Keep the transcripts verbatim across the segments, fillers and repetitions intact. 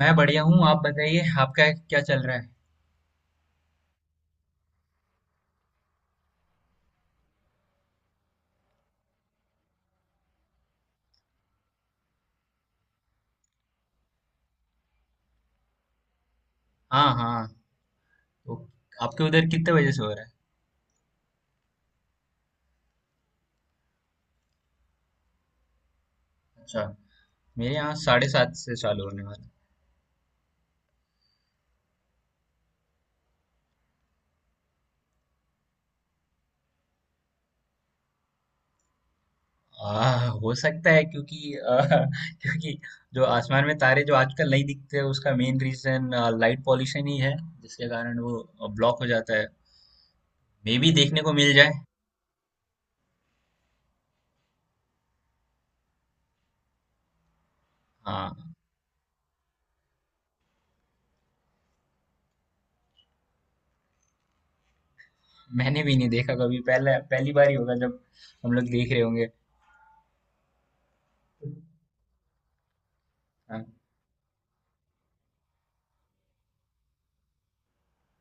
मैं बढ़िया हूँ। आप बताइए, आपका क्या चल रहा है? हाँ, हाँ। तो आपके उधर कितने बजे से हो रहा है? अच्छा। मेरे यहाँ साढ़े सात से चालू होने वाला है। आ, हो सकता है क्योंकि आ, क्योंकि जो आसमान में तारे जो आजकल नहीं दिखते, उसका मेन रीजन लाइट पॉल्यूशन ही है, जिसके कारण वो ब्लॉक हो जाता है। मे भी देखने को मिल जाए। हाँ। मैंने भी नहीं देखा कभी, पहले पहली बार ही होगा जब हम लोग देख रहे होंगे। हाँ।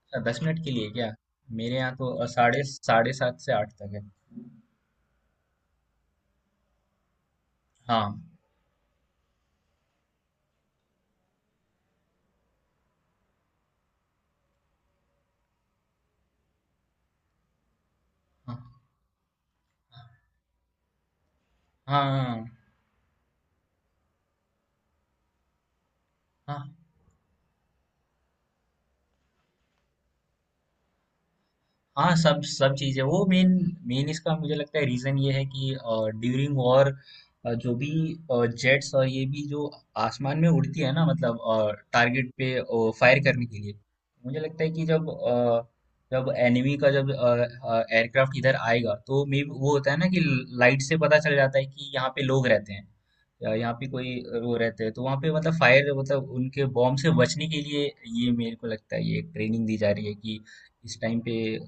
अच्छा, दस मिनट के लिए क्या? मेरे यहाँ तो अ, साढ़े साढ़े सात से आठ तक है। हाँ, हाँ, हाँ, हाँ, हाँ, हाँ। हाँ, सब सब चीज़ें, वो मेन मेन इसका मुझे लगता है रीजन ये है कि ड्यूरिंग वॉर जो भी जेट्स और ये भी जो आसमान में उड़ती है ना, मतलब टारगेट पे फायर करने के लिए। मुझे लगता है कि जब अ, जब एनिमी का जब एयरक्राफ्ट इधर आएगा तो मे वो होता है ना कि लाइट से पता चल जाता है कि यहाँ पे लोग रहते हैं या यहाँ पे कोई वो रहते हैं, तो वहाँ पे मतलब फायर, मतलब उनके बॉम्ब से बचने के लिए ये मेरे को लगता है ये ट्रेनिंग दी जा रही है कि इस टाइम पे अ,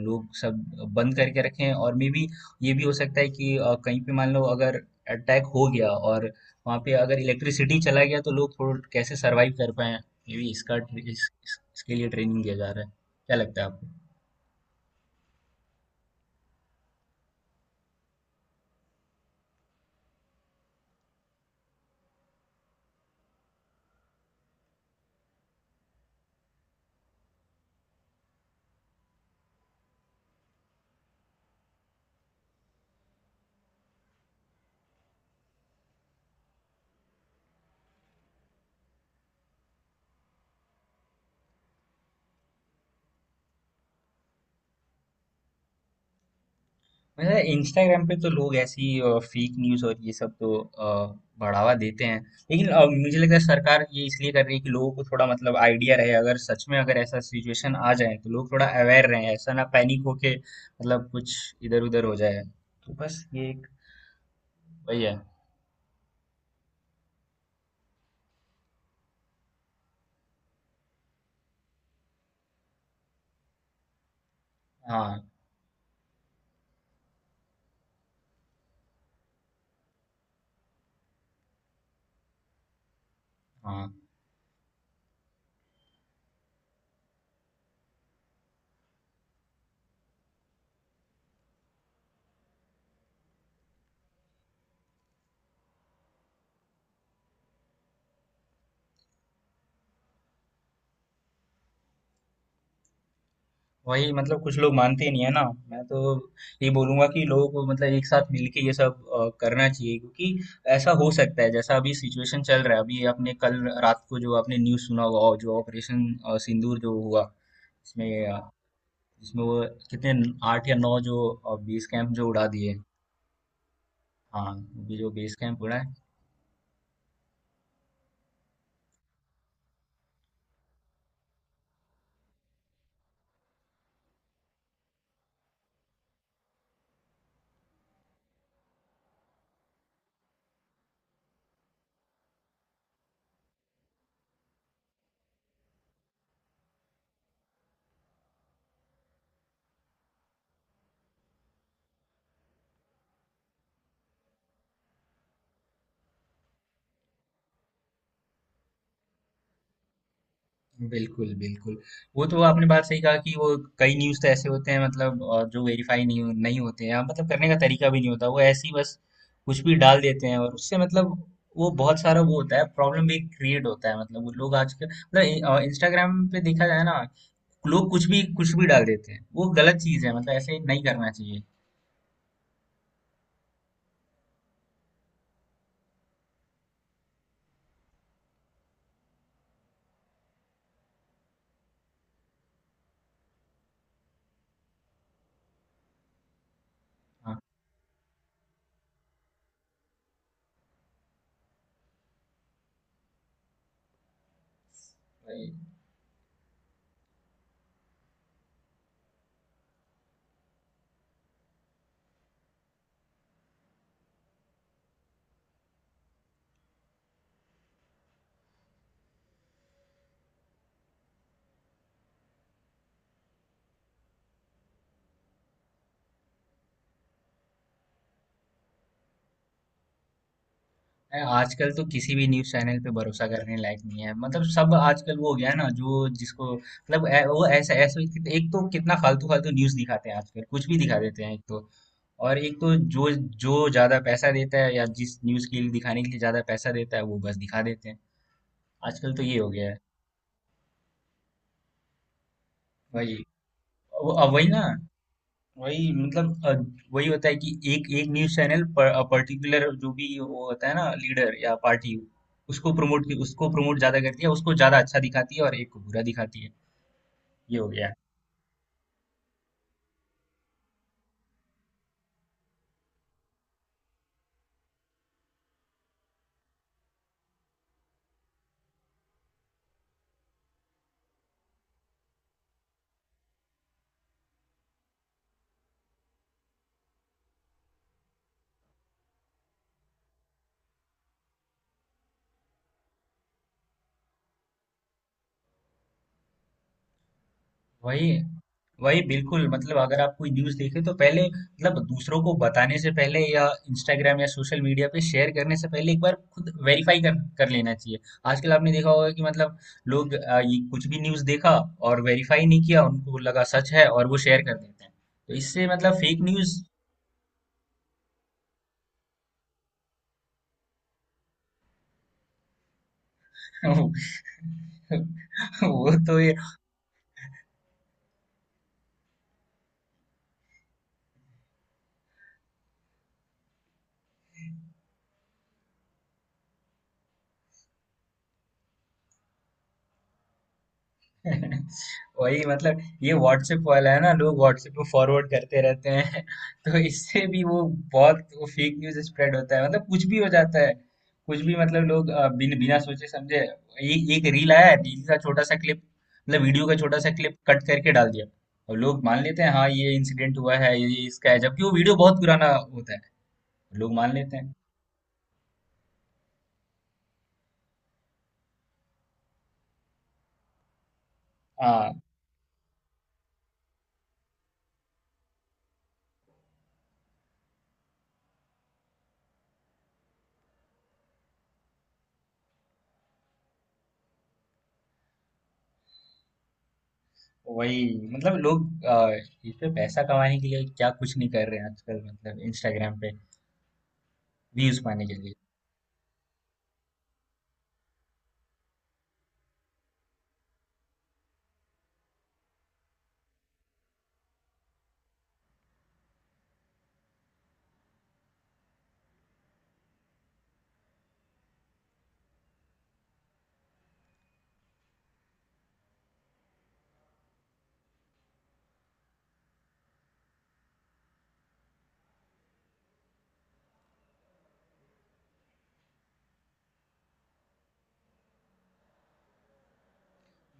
लोग सब बंद करके रखें हैं। और मे बी ये भी हो सकता है कि अ, कहीं पे मान लो अगर अटैक हो गया और वहाँ पे अगर इलेक्ट्रिसिटी चला गया तो लोग थोड़ा कैसे सरवाइव कर पाए। मे बी इसका इस, इस, इसके लिए ट्रेनिंग दिया जा रहा है। क्या लगता है आपको? मतलब इंस्टाग्राम पे तो लोग ऐसी फेक न्यूज और ये सब तो अ, बढ़ावा देते हैं। लेकिन अ, मुझे लगता है सरकार ये इसलिए कर रही है कि लोगों को थोड़ा मतलब आइडिया रहे, अगर सच में अगर ऐसा सिचुएशन आ जाए तो लोग थोड़ा अवेयर रहे, ऐसा ना पैनिक होके मतलब कुछ इधर उधर हो जाए। तो बस ये एक वही है। हाँ, हाँ। वही, मतलब कुछ लोग मानते ही नहीं है ना। मैं तो ये बोलूंगा कि लोगों को मतलब एक साथ मिलके ये सब अ, करना चाहिए, क्योंकि ऐसा हो सकता है जैसा अभी सिचुएशन चल रहा है। अभी आपने कल रात को जो आपने न्यूज़ सुना होगा, और जो ऑपरेशन अ, सिंदूर जो हुआ, इसमें अ, इसमें वो कितने, आठ या नौ जो बेस कैंप जो उड़ा दिए। हाँ, ये जो बेस कैंप उड़ा है। बिल्कुल, बिल्कुल। वो तो आपने बात सही कहा कि वो कई न्यूज़ तो ऐसे होते हैं, मतलब अ, जो वेरीफ़ाई नहीं हो नहीं होते हैं, हाँ, मतलब करने का तरीका भी नहीं होता। वो ऐसे ही बस कुछ भी डाल देते हैं, और उससे मतलब वो बहुत सारा वो होता है, प्रॉब्लम भी क्रिएट होता है। मतलब वो लोग आजकल मतलब इ अ, इंस्टाग्राम पे देखा जाए ना, लोग कुछ भी कुछ भी डाल देते हैं। वो गलत चीज़ है, मतलब ऐसे नहीं करना चाहिए। हाँ, वही। है, आजकल तो किसी भी न्यूज़ चैनल पे भरोसा करने लायक नहीं है। मतलब सब आजकल वो हो गया है ना, जो जिसको मतलब ऐ- वो ऐसा ऐसा एक तो कितना फालतू फालतू न्यूज़ दिखाते हैं आजकल, कुछ भी दिखा देते हैं एक तो। और एक तो जो जो ज्यादा पैसा देता है, या जिस न्यूज़ के लिए दिखाने के लिए ज्यादा पैसा देता है वो बस दिखा देते हैं। आजकल तो ये हो गया है। वही। वो- अब वही ना। वही, मतलब अ, वही होता है कि एक एक न्यूज चैनल पर पर्टिकुलर जो भी वो होता है ना, लीडर या पार्टी, उसको प्रमोट उसको प्रमोट ज्यादा करती है, उसको ज्यादा अच्छा दिखाती है और एक को बुरा दिखाती है। ये हो गया। वही वही, बिल्कुल, मतलब अगर आप कोई न्यूज़ देखें तो पहले, मतलब दूसरों को बताने से पहले या इंस्टाग्राम या सोशल मीडिया पे शेयर करने से पहले, एक बार खुद वेरीफाई कर कर लेना चाहिए। आजकल आपने देखा होगा कि मतलब लोग अ, ये कुछ भी न्यूज़ देखा और वेरीफाई नहीं किया, उनको लगा सच है और वो शेयर कर देते हैं। तो इससे मतलब फेक न्यूज़। वो तो। वही, मतलब ये व्हाट्सएप वाला है ना, लोग व्हाट्सएप में फॉरवर्ड करते रहते हैं। तो इससे भी वो बहुत वो फेक न्यूज स्प्रेड होता है, मतलब कुछ भी हो जाता है। कुछ भी, मतलब लोग अ, बिन बिना सोचे समझे ए, एक रील आया, रील का छोटा सा क्लिप मतलब वीडियो का छोटा सा क्लिप कट करके डाल दिया, और लोग मान लेते हैं हाँ ये इंसिडेंट हुआ है ये इसका है, जबकि वो वीडियो बहुत पुराना होता है। लोग मान लेते हैं। हाँ, वही, मतलब लोग अ, इस पे पैसा कमाने के लिए क्या कुछ नहीं कर रहे हैं आजकल, मतलब इंस्टाग्राम पे व्यूज पाने के लिए।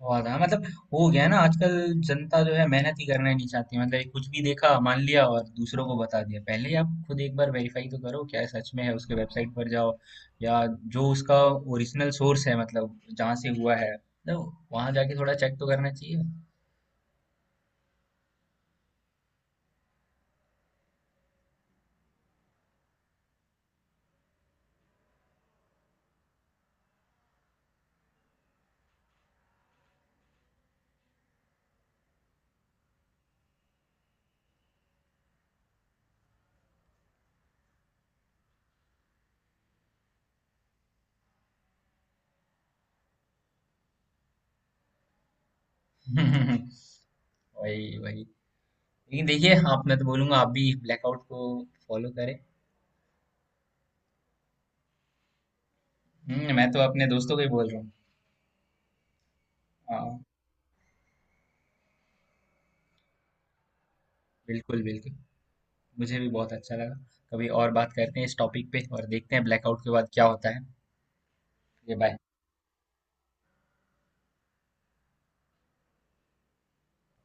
बहुत, हाँ, मतलब हो गया है ना आजकल। जनता जो है मेहनत ही करना नहीं चाहती, मतलब एक कुछ भी देखा मान लिया और दूसरों को बता दिया। पहले ही आप खुद एक बार वेरीफाई तो करो क्या ये सच में है, उसके वेबसाइट पर जाओ, या जो उसका ओरिजिनल सोर्स है मतलब जहाँ से हुआ है, तो वहां जाके थोड़ा चेक तो करना चाहिए। वही वही। लेकिन देखिए आप, मैं तो बोलूंगा आप भी ब्लैकआउट को फॉलो करें। हम्म, मैं तो अपने दोस्तों को ही बोल रहा हूँ। हाँ, बिल्कुल, बिल्कुल। मुझे भी बहुत अच्छा लगा। कभी और बात करते हैं इस टॉपिक पे और देखते हैं ब्लैकआउट के बाद क्या होता है। ये बाय।